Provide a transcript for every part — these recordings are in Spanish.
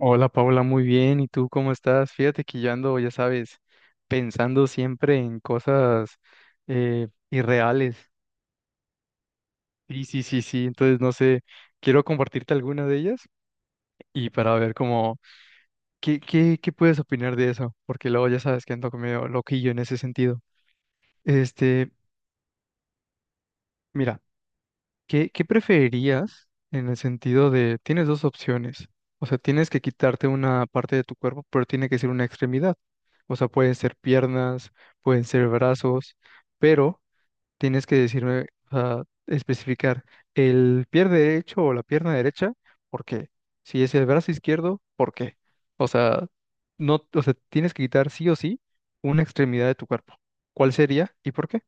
Hola Paula, muy bien. ¿Y tú cómo estás? Fíjate que yo ando, ya sabes, pensando siempre en cosas irreales. Sí, sí, sí, sí. Entonces, no sé, quiero compartirte alguna de ellas y para ver cómo, qué puedes opinar de eso, porque luego ya sabes que ando medio loquillo en ese sentido. Este, mira. ¿Qué preferirías en el sentido de, tienes dos opciones? O sea, tienes que quitarte una parte de tu cuerpo, pero tiene que ser una extremidad. O sea, pueden ser piernas, pueden ser brazos, pero tienes que decirme, o sea, especificar el pie derecho o la pierna derecha, ¿por qué? Si es el brazo izquierdo, ¿por qué? O sea, no, o sea, tienes que quitar sí o sí una extremidad de tu cuerpo. ¿Cuál sería y por qué?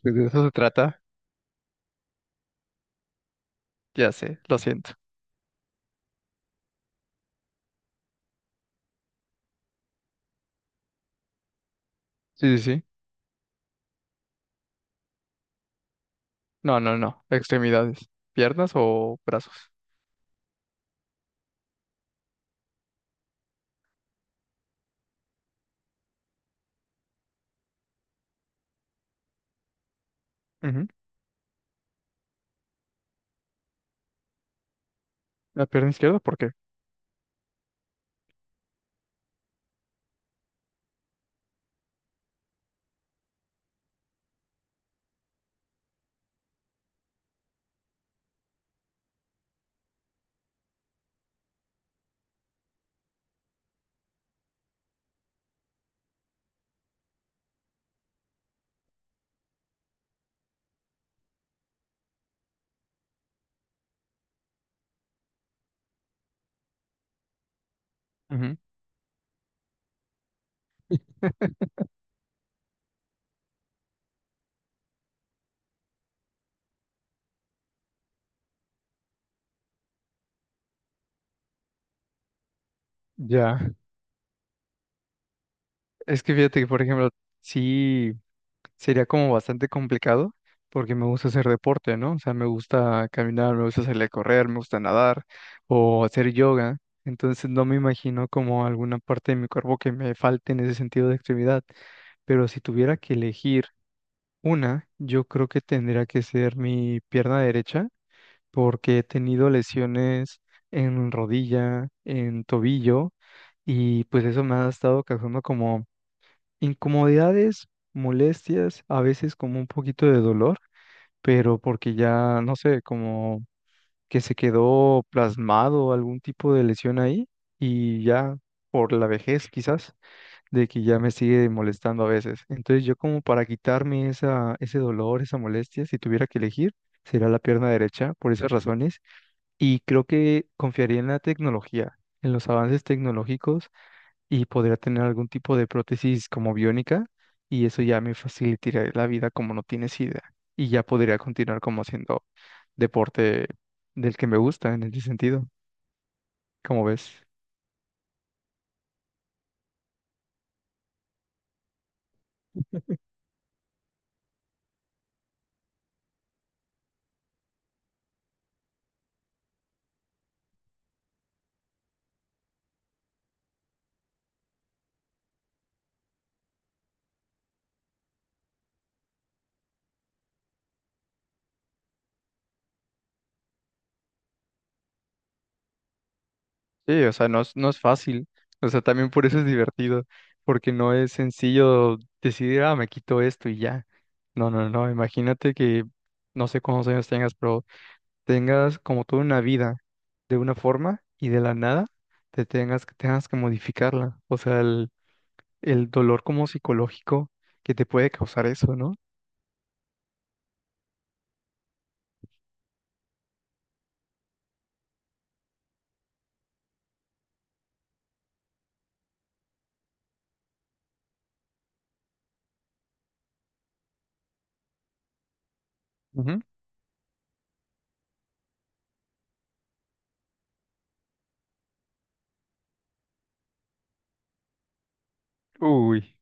Pues de eso se trata, ya sé, lo siento. Sí, sí, sí. No, no, no. Extremidades. ¿Piernas o brazos? Ujú. La pierna izquierda, ¿por qué? Ujú. Ya. Es que fíjate que, por ejemplo, sí sería como bastante complicado porque me gusta hacer deporte, ¿no? O sea, me gusta caminar, me gusta salir a correr, me gusta nadar o hacer yoga. Entonces no me imagino como alguna parte de mi cuerpo que me falte en ese sentido de actividad. Pero si tuviera que elegir una, yo creo que tendría que ser mi pierna derecha porque he tenido lesiones en rodilla, en tobillo, y pues eso me ha estado causando como incomodidades, molestias, a veces como un poquito de dolor, pero porque ya, no sé, como que se quedó plasmado algún tipo de lesión ahí y ya por la vejez quizás, de que ya me sigue molestando a veces. Entonces yo como para quitarme esa, ese dolor, esa molestia, si tuviera que elegir, sería la pierna derecha por esas razones y creo que confiaría en la tecnología, en los avances tecnológicos y podría tener algún tipo de prótesis como biónica y eso ya me facilitaría la vida como no tienes idea. Y ya podría continuar como haciendo deporte del que me gusta en ese sentido, como ves. Sí, o sea, no es fácil. O sea, también por eso es divertido, porque no es sencillo decidir, ah, me quito esto y ya. No, no, no, imagínate que no sé cuántos años tengas, pero tengas como toda una vida de una forma y de la nada tengas que modificarla. O sea, el dolor como psicológico que te puede causar eso, ¿no? Ujú. Uy.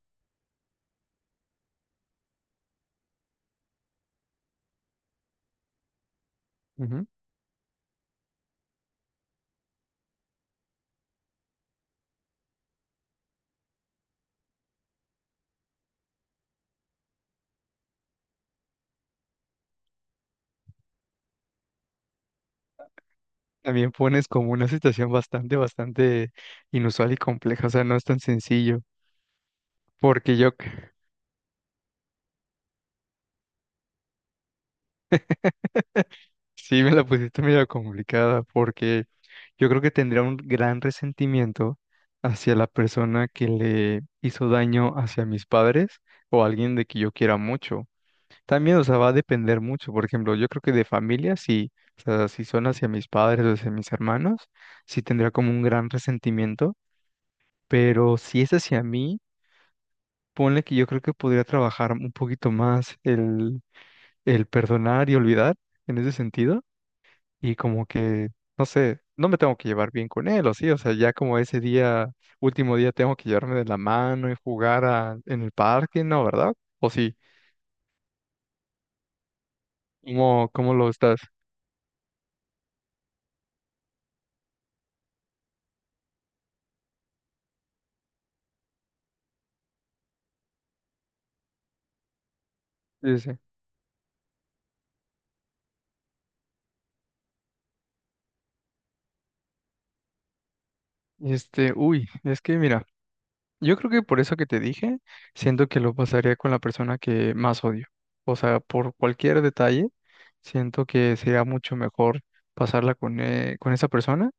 Ujú. También pones como una situación bastante, bastante inusual y compleja, o sea, no es tan sencillo, porque yo sí, me la pusiste medio complicada porque yo creo que tendría un gran resentimiento hacia la persona que le hizo daño hacia mis padres o alguien de que yo quiera mucho. También, o sea, va a depender mucho. Por ejemplo, yo creo que de familia, sí, o sea, si son hacia mis padres o hacia mis hermanos, sí tendría como un gran resentimiento. Pero si es hacia mí, ponle que yo creo que podría trabajar un poquito más el perdonar y olvidar en ese sentido y como que, no sé, no me tengo que llevar bien con él, o sí, o sea, ya como ese día, último día tengo que llevarme de la mano y en el parque, ¿no? ¿Verdad? O sí, ¿cómo lo estás? Sí, sí, sí. Este, uy, es que mira, yo creo que por eso que te dije, siento que lo pasaría con la persona que más odio. O sea, por cualquier detalle, siento que sería mucho mejor pasarla con esa persona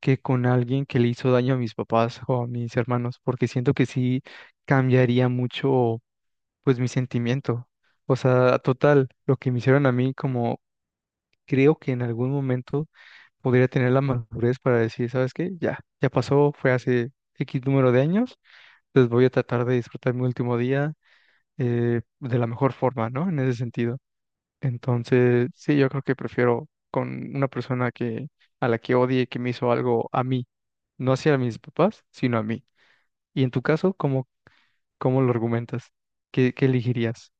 que con alguien que le hizo daño a mis papás o a mis hermanos, porque siento que sí cambiaría mucho, pues, mi sentimiento. O sea, total, lo que me hicieron a mí, como creo que en algún momento podría tener la madurez para decir, ¿sabes qué? Ya, ya pasó, fue hace X número de años, pues voy a tratar de disfrutar mi último día de la mejor forma, ¿no? En ese sentido. Entonces, sí, yo creo que prefiero con una persona que a la que odie que me hizo algo a mí, no hacia mis papás, sino a mí. Y en tu caso, ¿cómo lo argumentas? ¿Qué elegirías?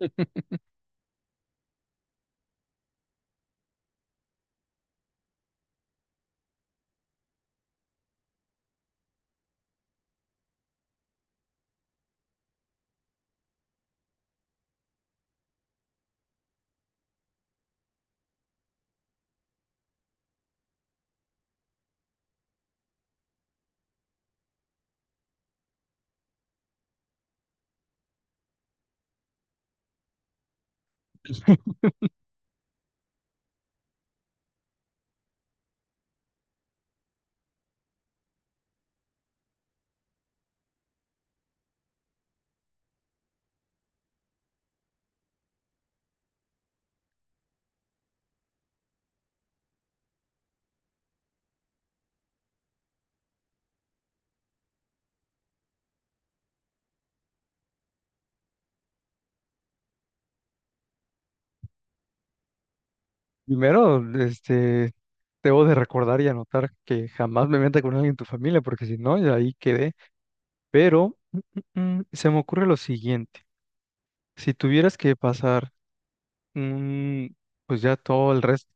Primero, este, debo de recordar y anotar que jamás me meta con alguien en tu familia, porque si no, ya ahí quedé. Pero se me ocurre lo siguiente. Si tuvieras que pasar, mm, pues ya todo el resto,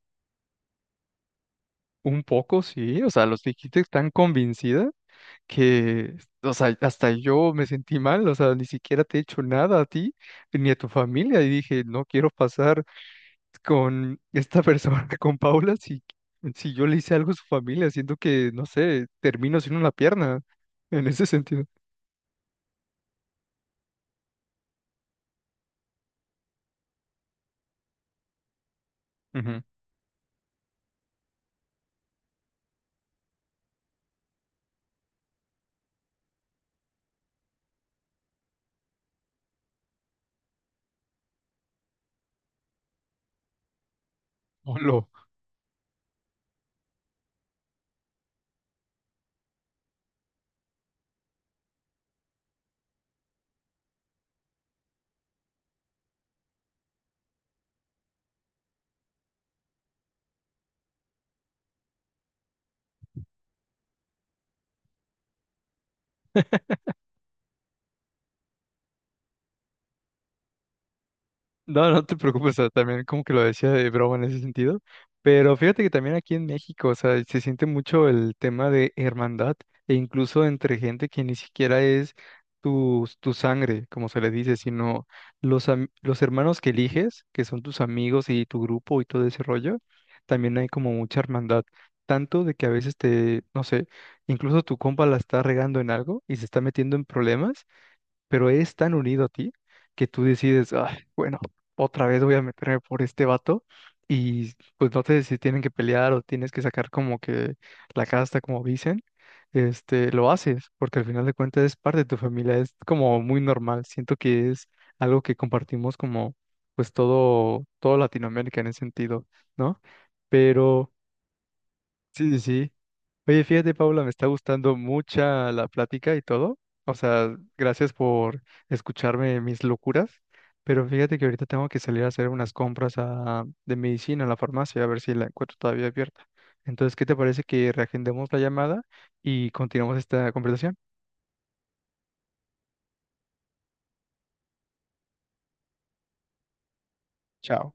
un poco, sí, o sea, los dijiste tan convencida que, o sea, hasta yo me sentí mal, o sea, ni siquiera te he hecho nada a ti ni a tu familia. Y dije, no quiero pasar con esta persona, con Paula, si, si yo le hice algo a su familia, siento que, no sé, termino sin una pierna en ese sentido. Ujú. Hola. No, no te preocupes, o sea, también como que lo decía de broma en ese sentido, pero fíjate que también aquí en México, o sea, se siente mucho el tema de hermandad e incluso entre gente que ni siquiera es tu sangre, como se le dice, sino los hermanos que eliges, que son tus amigos y tu grupo y todo ese rollo, también hay como mucha hermandad, tanto de que a veces te, no sé, incluso tu compa la está regando en algo y se está metiendo en problemas pero es tan unido a ti que tú decides, "Ay, bueno, otra vez voy a meterme por este vato y pues no te si tienen que pelear o tienes que sacar como que la casta, como dicen, este, lo haces, porque al final de cuentas es parte de tu familia, es como muy normal, siento que es algo que compartimos como pues todo Latinoamérica en ese sentido, ¿no? Pero sí, sí, sí. Oye, fíjate, Paula, me está gustando mucha la plática y todo. O sea, gracias por escucharme mis locuras. Pero fíjate que ahorita tengo que salir a hacer unas de medicina a la farmacia, a ver si la encuentro todavía abierta. Entonces, ¿qué te parece que reagendemos la llamada y continuamos esta conversación? Chao.